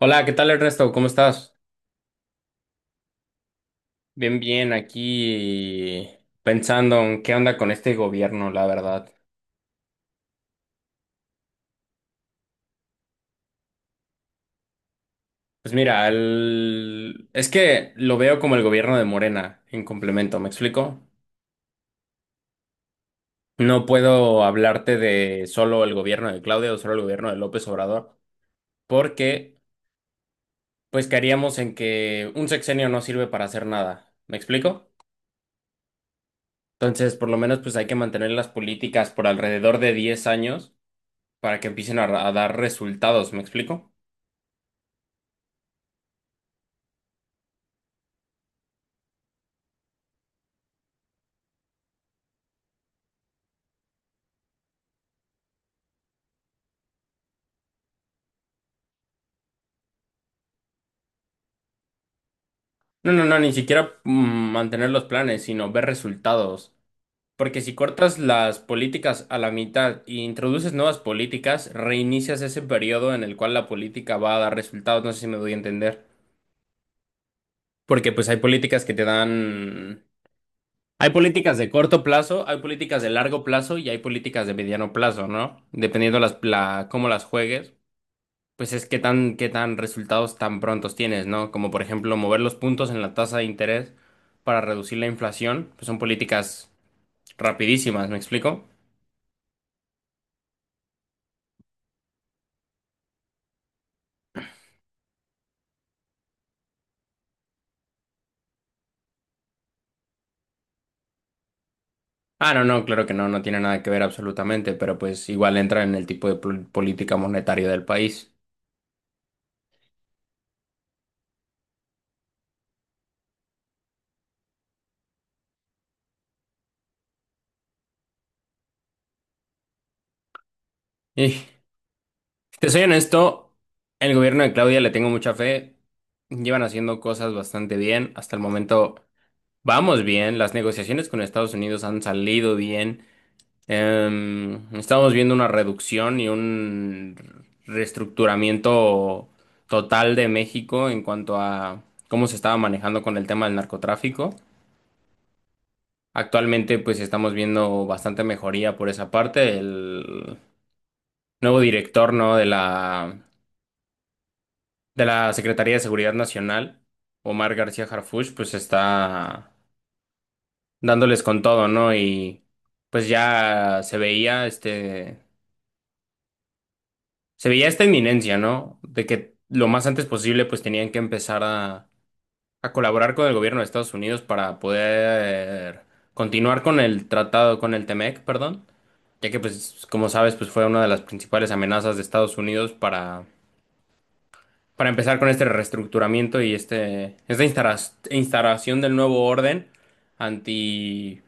Hola, ¿qué tal Ernesto? ¿Cómo estás? Bien, bien, aquí pensando en qué onda con este gobierno, la verdad. Pues mira, es que lo veo como el gobierno de Morena, en complemento, ¿me explico? No puedo hablarte de solo el gobierno de Claudia o solo el gobierno de López Obrador, porque pues caeríamos en que un sexenio no sirve para hacer nada, ¿me explico? Entonces, por lo menos pues hay que mantener las políticas por alrededor de 10 años para que empiecen a dar resultados, ¿me explico? No, no, no, ni siquiera mantener los planes, sino ver resultados. Porque si cortas las políticas a la mitad e introduces nuevas políticas, reinicias ese periodo en el cual la política va a dar resultados. No sé si me doy a entender. Porque pues hay políticas que te dan... Hay políticas de corto plazo, hay políticas de largo plazo y hay políticas de mediano plazo, ¿no? Dependiendo cómo las juegues. Pues es que qué tan resultados tan prontos tienes, ¿no? Como por ejemplo mover los puntos en la tasa de interés para reducir la inflación, pues son políticas rapidísimas, ¿me explico? Ah, no, no, claro que no, no tiene nada que ver absolutamente, pero pues igual entra en el tipo de política monetaria del país. Y si te soy honesto, el gobierno de Claudia le tengo mucha fe, llevan haciendo cosas bastante bien, hasta el momento vamos bien, las negociaciones con Estados Unidos han salido bien. Estamos viendo una reducción y un reestructuramiento total de México en cuanto a cómo se estaba manejando con el tema del narcotráfico. Actualmente, pues estamos viendo bastante mejoría por esa parte. El nuevo director, ¿no? De la Secretaría de Seguridad Nacional, Omar García Harfuch, pues está dándoles con todo, ¿no? Y pues ya se veía este. Se veía esta inminencia, ¿no? De que lo más antes posible pues tenían que a colaborar con el gobierno de Estados Unidos para poder continuar con el tratado, con el Temec, perdón, ya que pues como sabes pues fue una de las principales amenazas de Estados Unidos para empezar con este reestructuramiento y esta instalación del nuevo orden anti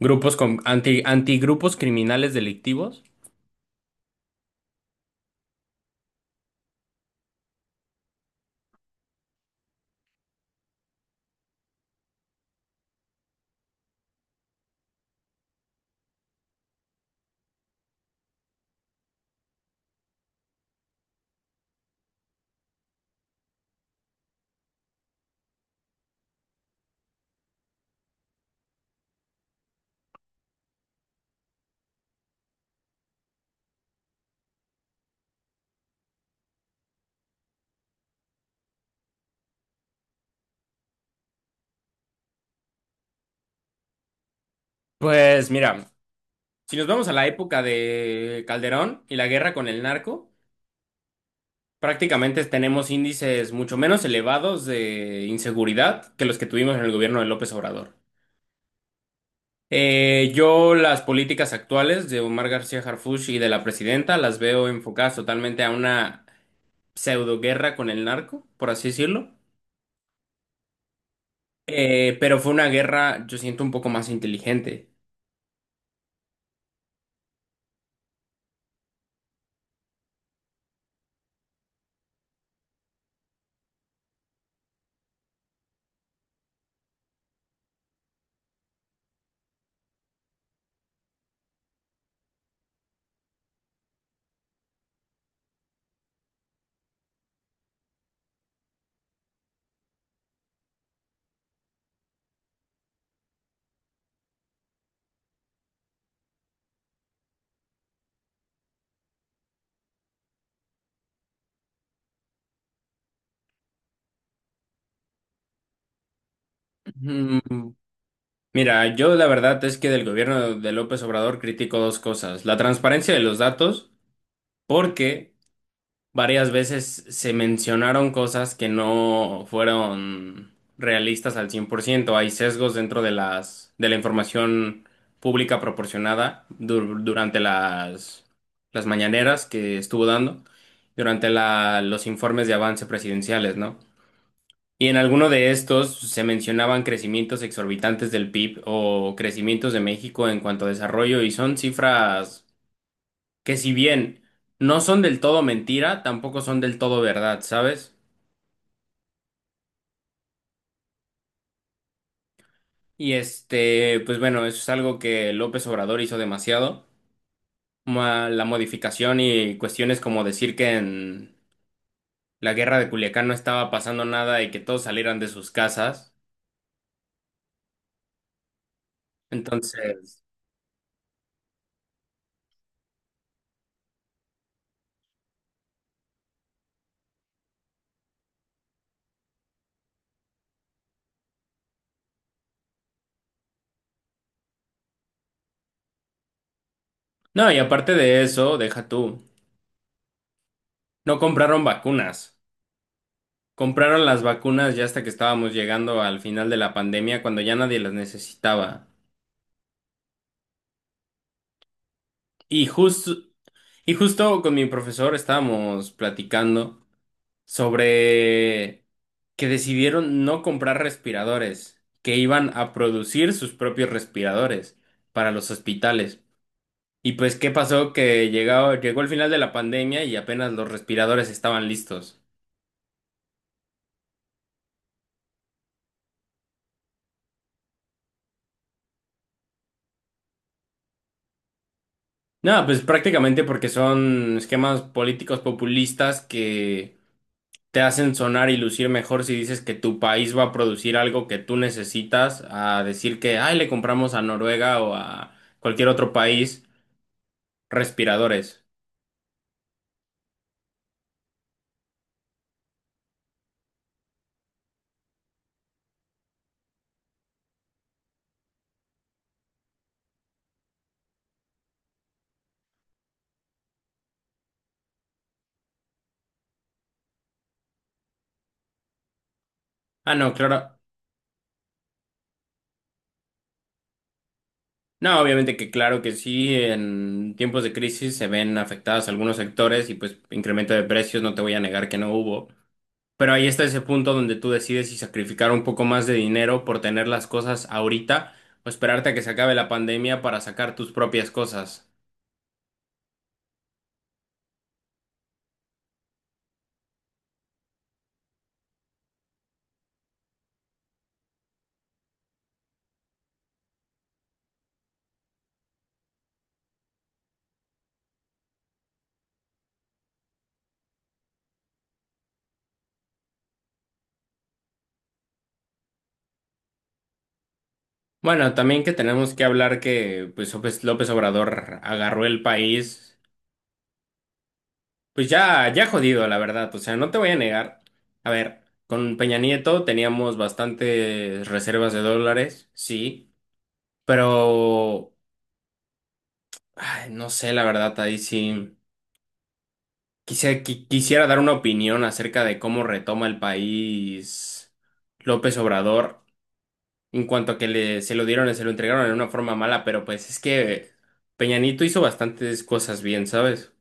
antigrupos criminales delictivos. Pues mira. Si nos vamos a la época de Calderón y la guerra con el narco, prácticamente tenemos índices mucho menos elevados de inseguridad que los que tuvimos en el gobierno de López Obrador. Yo las políticas actuales de Omar García Harfuch y de la presidenta las veo enfocadas totalmente a una pseudo guerra con el narco, por así decirlo. Pero fue una guerra, yo siento, un poco más inteligente. Mm, Mira, yo la verdad es que del gobierno de López Obrador critico dos cosas, la transparencia de los datos porque varias veces se mencionaron cosas que no fueron realistas al 100%. Hay sesgos dentro de las de la información pública proporcionada durante las mañaneras que estuvo dando, durante los informes de avance presidenciales, ¿no? Y en alguno de estos se mencionaban crecimientos exorbitantes del PIB o crecimientos de México en cuanto a desarrollo y son cifras que si bien no son del todo mentira, tampoco son del todo verdad, ¿sabes? Y este, pues bueno, eso es algo que López Obrador hizo demasiado. La modificación y cuestiones como decir que en la guerra de Culiacán no estaba pasando nada y que todos salieran de sus casas. Entonces, no, y aparte de eso, deja tú, no compraron vacunas. Compraron las vacunas ya hasta que estábamos llegando al final de la pandemia, cuando ya nadie las necesitaba. Y justo, Y justo con mi profesor estábamos platicando sobre que decidieron no comprar respiradores, que iban a producir sus propios respiradores para los hospitales. Y pues, ¿qué pasó? Que llegó el final de la pandemia y apenas los respiradores estaban listos. Nada, pues prácticamente porque son esquemas políticos populistas que te hacen sonar y lucir mejor si dices que tu país va a producir algo que tú necesitas, a decir que, ay, le compramos a Noruega o a cualquier otro país respiradores. Ah, no, claro. No, obviamente que claro que sí, en tiempos de crisis se ven afectados algunos sectores y pues incremento de precios, no te voy a negar que no hubo. Pero ahí está ese punto donde tú decides si sacrificar un poco más de dinero por tener las cosas ahorita o esperarte a que se acabe la pandemia para sacar tus propias cosas. Bueno, también que tenemos que hablar que pues López Obrador agarró el país, pues ya, ya jodido, la verdad. O sea, no te voy a negar. A ver, con Peña Nieto teníamos bastantes reservas de dólares, sí, pero ay, no sé, la verdad, ahí sí. Quisiera dar una opinión acerca de cómo retoma el país López Obrador en cuanto a se lo dieron, se lo entregaron en una forma mala, pero pues es que Peñanito hizo bastantes cosas bien, ¿sabes?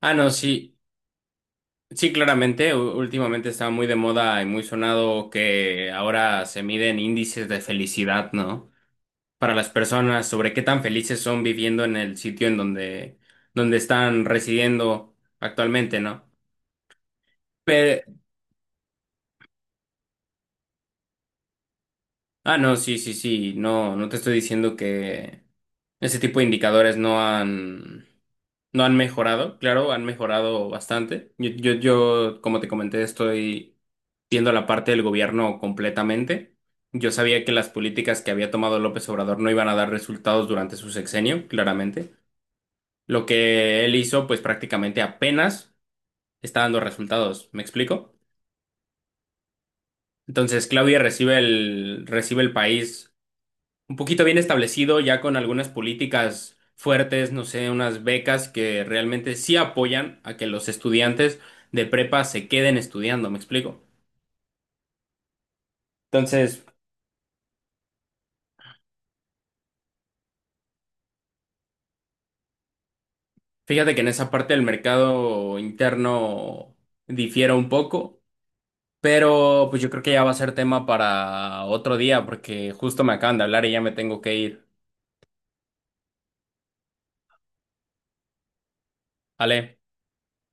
Ah, no, sí, sí, claramente, últimamente estaba muy de moda y muy sonado que ahora se miden índices de felicidad, ¿no? Para las personas sobre qué tan felices son viviendo en el sitio donde están residiendo actualmente, ¿no? Pero, ah, no, sí, sí, sí, no, no te estoy diciendo que ese tipo de indicadores no han mejorado, claro, han mejorado bastante. Yo, como te comenté, estoy viendo la parte del gobierno completamente. Yo sabía que las políticas que había tomado López Obrador no iban a dar resultados durante su sexenio, claramente. Lo que él hizo, pues prácticamente apenas está dando resultados. ¿Me explico? Entonces, Claudia recibe el país un poquito bien establecido, ya con algunas políticas fuertes, no sé, unas becas que realmente sí apoyan a que los estudiantes de prepa se queden estudiando, ¿me explico? Entonces, fíjate que en esa parte del mercado interno difiere un poco, pero pues yo creo que ya va a ser tema para otro día, porque justo me acaban de hablar y ya me tengo que ir. ¿Vale?